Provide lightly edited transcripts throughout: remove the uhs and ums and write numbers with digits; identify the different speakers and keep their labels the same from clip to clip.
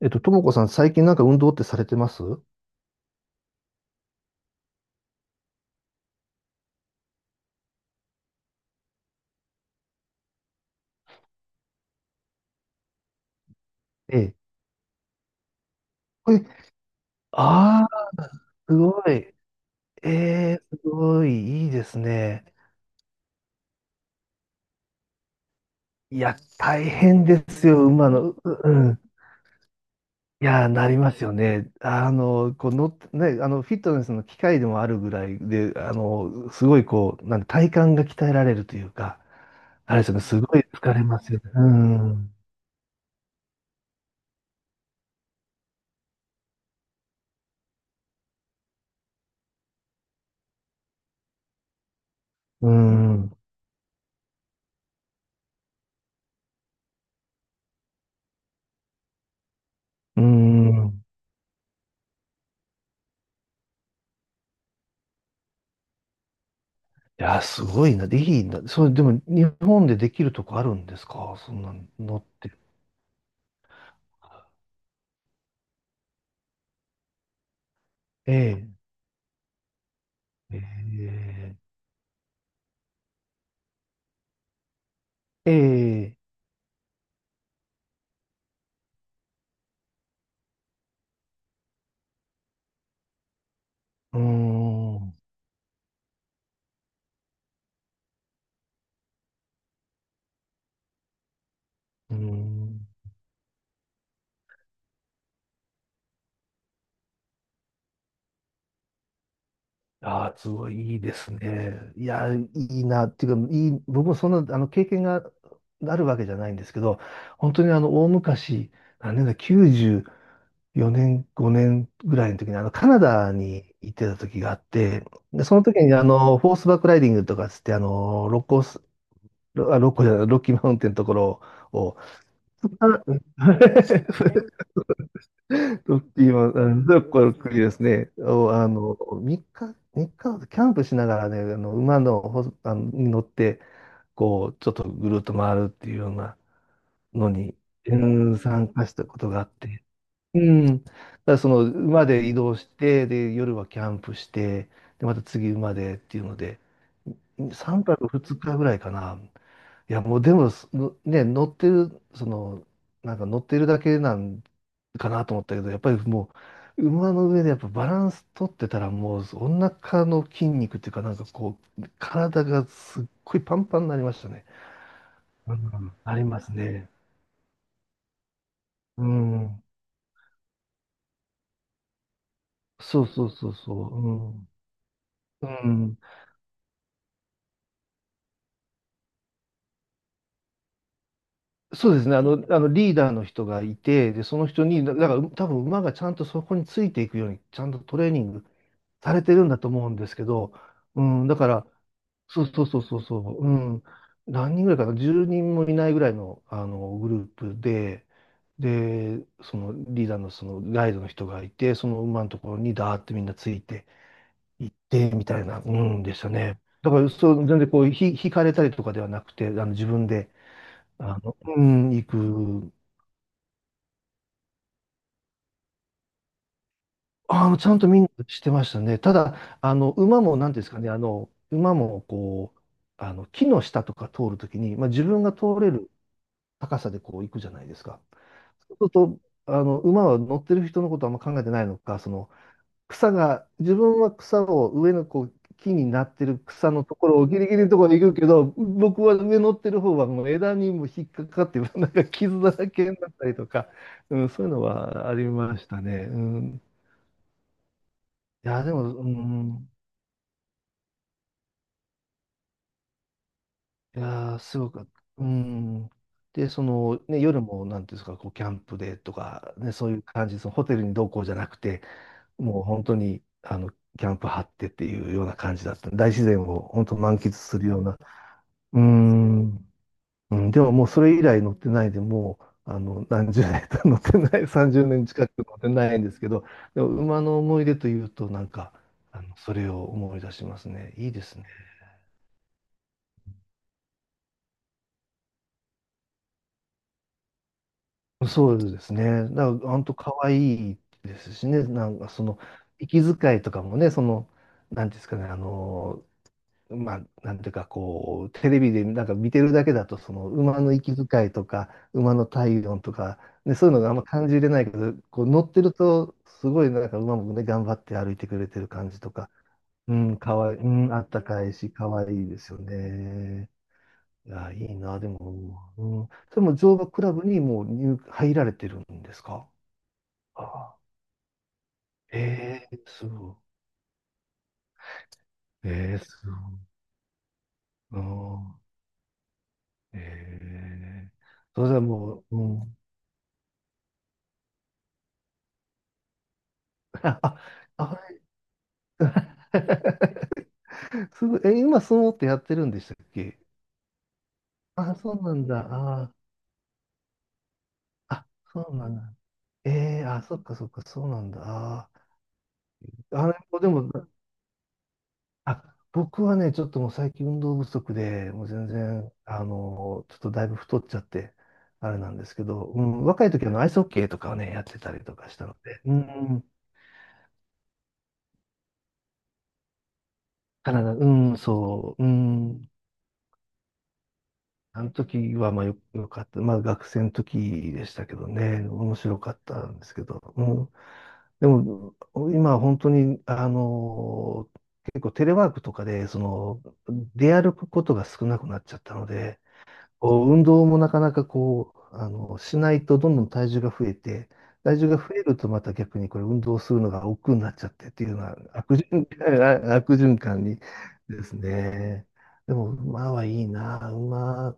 Speaker 1: ともこさん、最近運動ってされてます？ええ。え、ああ、すごい。ええ、すごい、いいですね。いや、大変ですよ、馬の。ううん。いや、なりますよね。あの、この、ね、あの、フィットネスの機械でもあるぐらいで、すごいこう、体幹が鍛えられるというか、あれですよね、すごい疲れますよね。うん。うん。うん。いや、すごいな。でいいんだ。それ、でも、日本でできるとこあるんですか、そんなのって？ええ、ええ、ええ、うーん、うーん。ああ、すごいいいですね。いや、いいな。っていうか、いい、僕もそんな、経験があるわけじゃないんですけど、本当に大昔、何年だ、94年、5年ぐらいの時に、カナダに行ってた時があって、で、その時にフォースバックライディングとかつって、あの、六甲ロ、あ、ロッコじゃない、ロッキーマウンテンのところを、あ ロッキーマウンテン、ロッコの国ですね、を、3日、三日、キャンプしながらね、あの、馬の、ほ、あの、に乗って、こう、ちょっとぐるっと回るっていうようなのに、うん、参加したことがあって、うん。だからその馬で移動して、で、夜はキャンプして、で、また次馬でっていうので、3泊2日ぐらいかな。いや、もうでも、すのね、乗ってる、その、乗ってるだけなんかなと思ったけど、やっぱりもう、馬の上でやっぱバランス取ってたら、もう、お腹の筋肉っていうか、なんかこう、体がすっごいパンパンになりましたね。うん、ありますね。うん。そうそうそうそう。うん。うん。そうですね。あのリーダーの人がいて、で、その人に、だから多分馬がちゃんとそこについていくように、ちゃんとトレーニングされてるんだと思うんですけど、うん、だから、そうそうそうそうそう、うん、何人ぐらいかな、10人もいないぐらいのあのグループで、で、そのリーダーのそのガイドの人がいて、その馬のところにダーってみんなついていって、みたいな、うんでしたね。だから、そう、全然こう、引かれたりとかではなくて、あの自分で、うん、行く。ちゃんと見にしてましたね。ただ、なんていうんですかね、馬も、こう、木の下とか通るときに、まあ、自分が通れる高さでこう行くじゃないですか。そうすると、馬は乗ってる人のことはあんま考えてないのか、その、草が、自分は草を上のこう木になってる草のところをギリギリのところに行くけど、僕は上乗ってる方はもう枝にも引っかかって、なんか傷だらけになったりとか、うん、そういうのはありましたね。うん、いや、でも、うん。いやー、すごく、うん。で、その、ね、夜も、なんていうんですか、こう、キャンプでとか、ね、そういう感じ、そのホテルに同行じゃなくて、もう本当に、キャンプ張ってっていうような感じだった。大自然を本当満喫するような。うーん。うん、でももうそれ以来乗ってないで、もう、何十年と 乗ってない、30年近く乗ってないんですけど、でも馬の思い出というと、なんか、それを思い出しますね。いいですね。そうですね。だから、本当可愛いですしね。なんか、その、息遣いとかもね、その、なんていうんですかね、まあ、なんていうか、こう、テレビでなんか見てるだけだと、その、馬の息遣いとか、馬の体温とか、ね、そういうのがあんま感じれないけど、こう、乗ってると、すごい、なんか、馬もね、頑張って歩いてくれてる感じとか、うん、可愛いい、うん、あったかいし、可愛いですよね。いや、いいな、でも、うん、それも乗馬クラブにもう入られてるんですか？ああ、ええ、すごい。ええ、すごい。ああ、ええ、それはもう、うん。あ、あ、すごい。え、今、相撲ってやってるんでしたっけ？あ、そうなんだ。ああ、あ、そうなんだ。ええ、あ、そっかそっか、そうなんだ。ああ、あれもでも、あ、僕はね、ちょっともう最近運動不足で、もう全然、ちょっとだいぶ太っちゃって、あれなんですけど、うん、若い時はあのアイスホッケーとかをね、やってたりとかしたので、うん、体、うん、そう、うん、あの時はまあよ、よかった。まあ学生の時でしたけどね、面白かったんですけど、うん、でも、今は本当に、結構テレワークとかで、その、出歩くことが少なくなっちゃったので、こう運動もなかなかこう、しないとどんどん体重が増えて、体重が増えるとまた逆にこれ運動するのが億劫になっちゃってっていうような悪循環、悪循環にですね。でも馬はいいな、馬。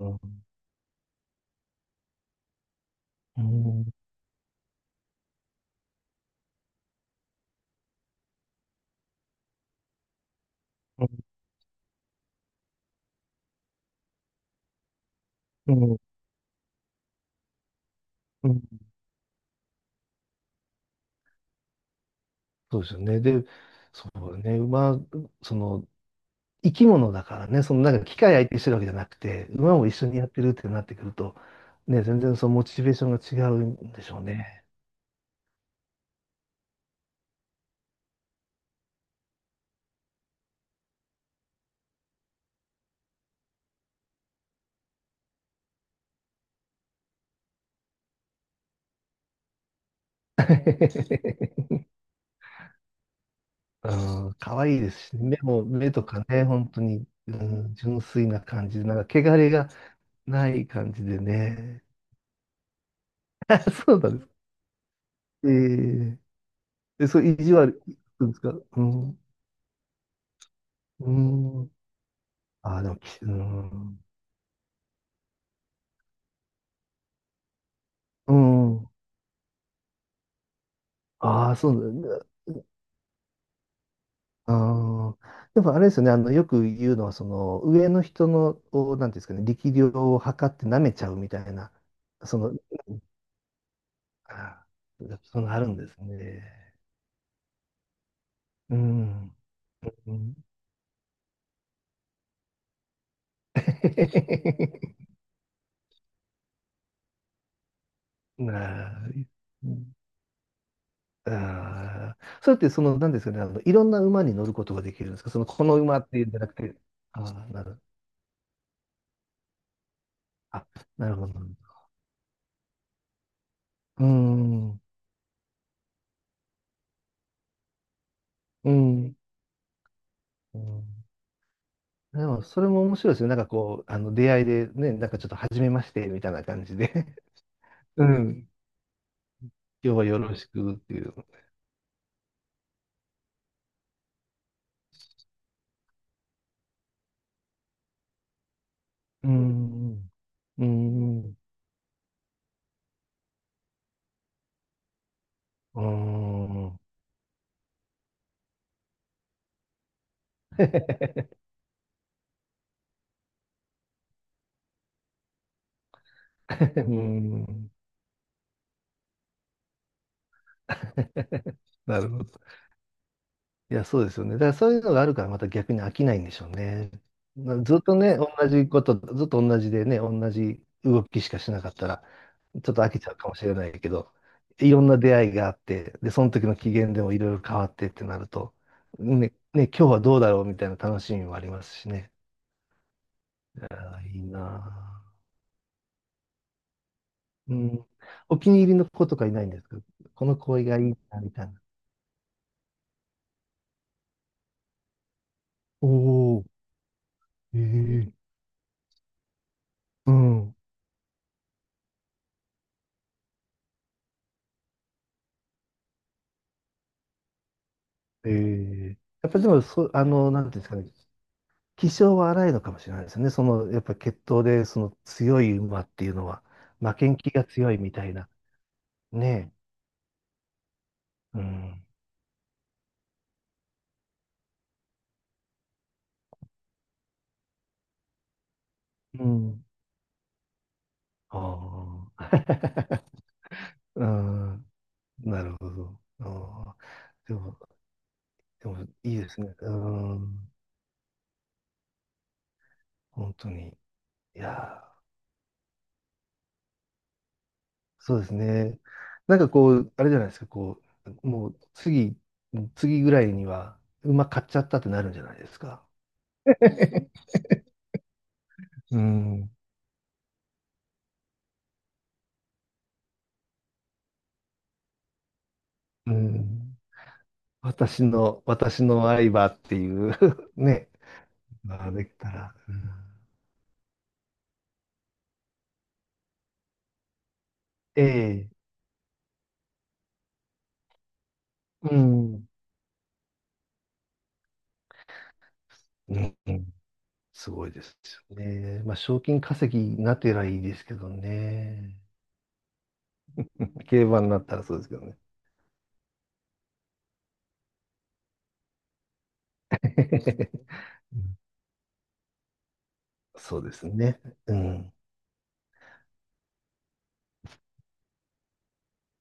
Speaker 1: うんうんうんうん、そうですよね。で、そうね、馬、その、生き物だからね、そのなんか機械相手にしてるわけじゃなくて、馬も一緒にやってるってなってくると、ね、全然そのモチベーションが違うんでしょうね。うん、可愛いですしね、目も、目とかね、本当に、うん、純粋な感じで、なんか、汚れがない感じでね。そうなんです。ええ、で、そう、意地悪いくんですか？うん。うん。ああ、でも、きうん。うん。ああ、そうなんだね。ああ。でも、あれですよね、よく言うのは、その、上の人の、を、なんていうんですかね、力量を測って舐めちゃうみたいな、その、ああ、そのあるんですね。うん。うん。 なあ、ああ、それってその、なんですかね、いろんな馬に乗ることができるんですか？その、この馬っていうんじゃなくて、ああ、なる、あ、なるほど。うん、うん、うん。でも、それも面白いですよ。なんかこう、出会いでね、なんかちょっと初めまして、みたいな感じで うん。今日はよろしくっていう。うん、うん、うん、うん、うん、なるほど。いや、そうですよね。だからそういうのがあるからまた逆に飽きないんでしょうね。まあずっとね、同じこと、ずっと同じでね、同じ動きしかしなかったら、ちょっと飽きちゃうかもしれないけど、いろんな出会いがあって、で、その時の機嫌でもいろいろ変わってってなると、ね、ね、今日はどうだろうみたいな楽しみもありますしね。あーいいなあ、うん。お気に入りの子とかいないんですか？この行為がいいな、みたいな。おお、ええ、うん。ええ、やっぱでも、そう、なんていうんですかね。気性は荒いのかもしれないですね。その、やっぱ血統で、その強い馬っていうのは、負けん気が強いみたいな。ねえ。うん。うん。ああ。うん。なるほど。ああ。でも、でも、いいですね。うん。本当に。いやー、そうですね。なんかこう、あれじゃないですか、こう、もう次、次ぐらいには、馬買っちゃったってなるんじゃないですか。うん。うん。私の、私の相場っていう ね、ができたら、うん、ええ、うん、うんうん、すごいですよね。まあ、賞金稼ぎになってりいいですけどね。競馬になったらそうですけどね。うん、そうですね。うん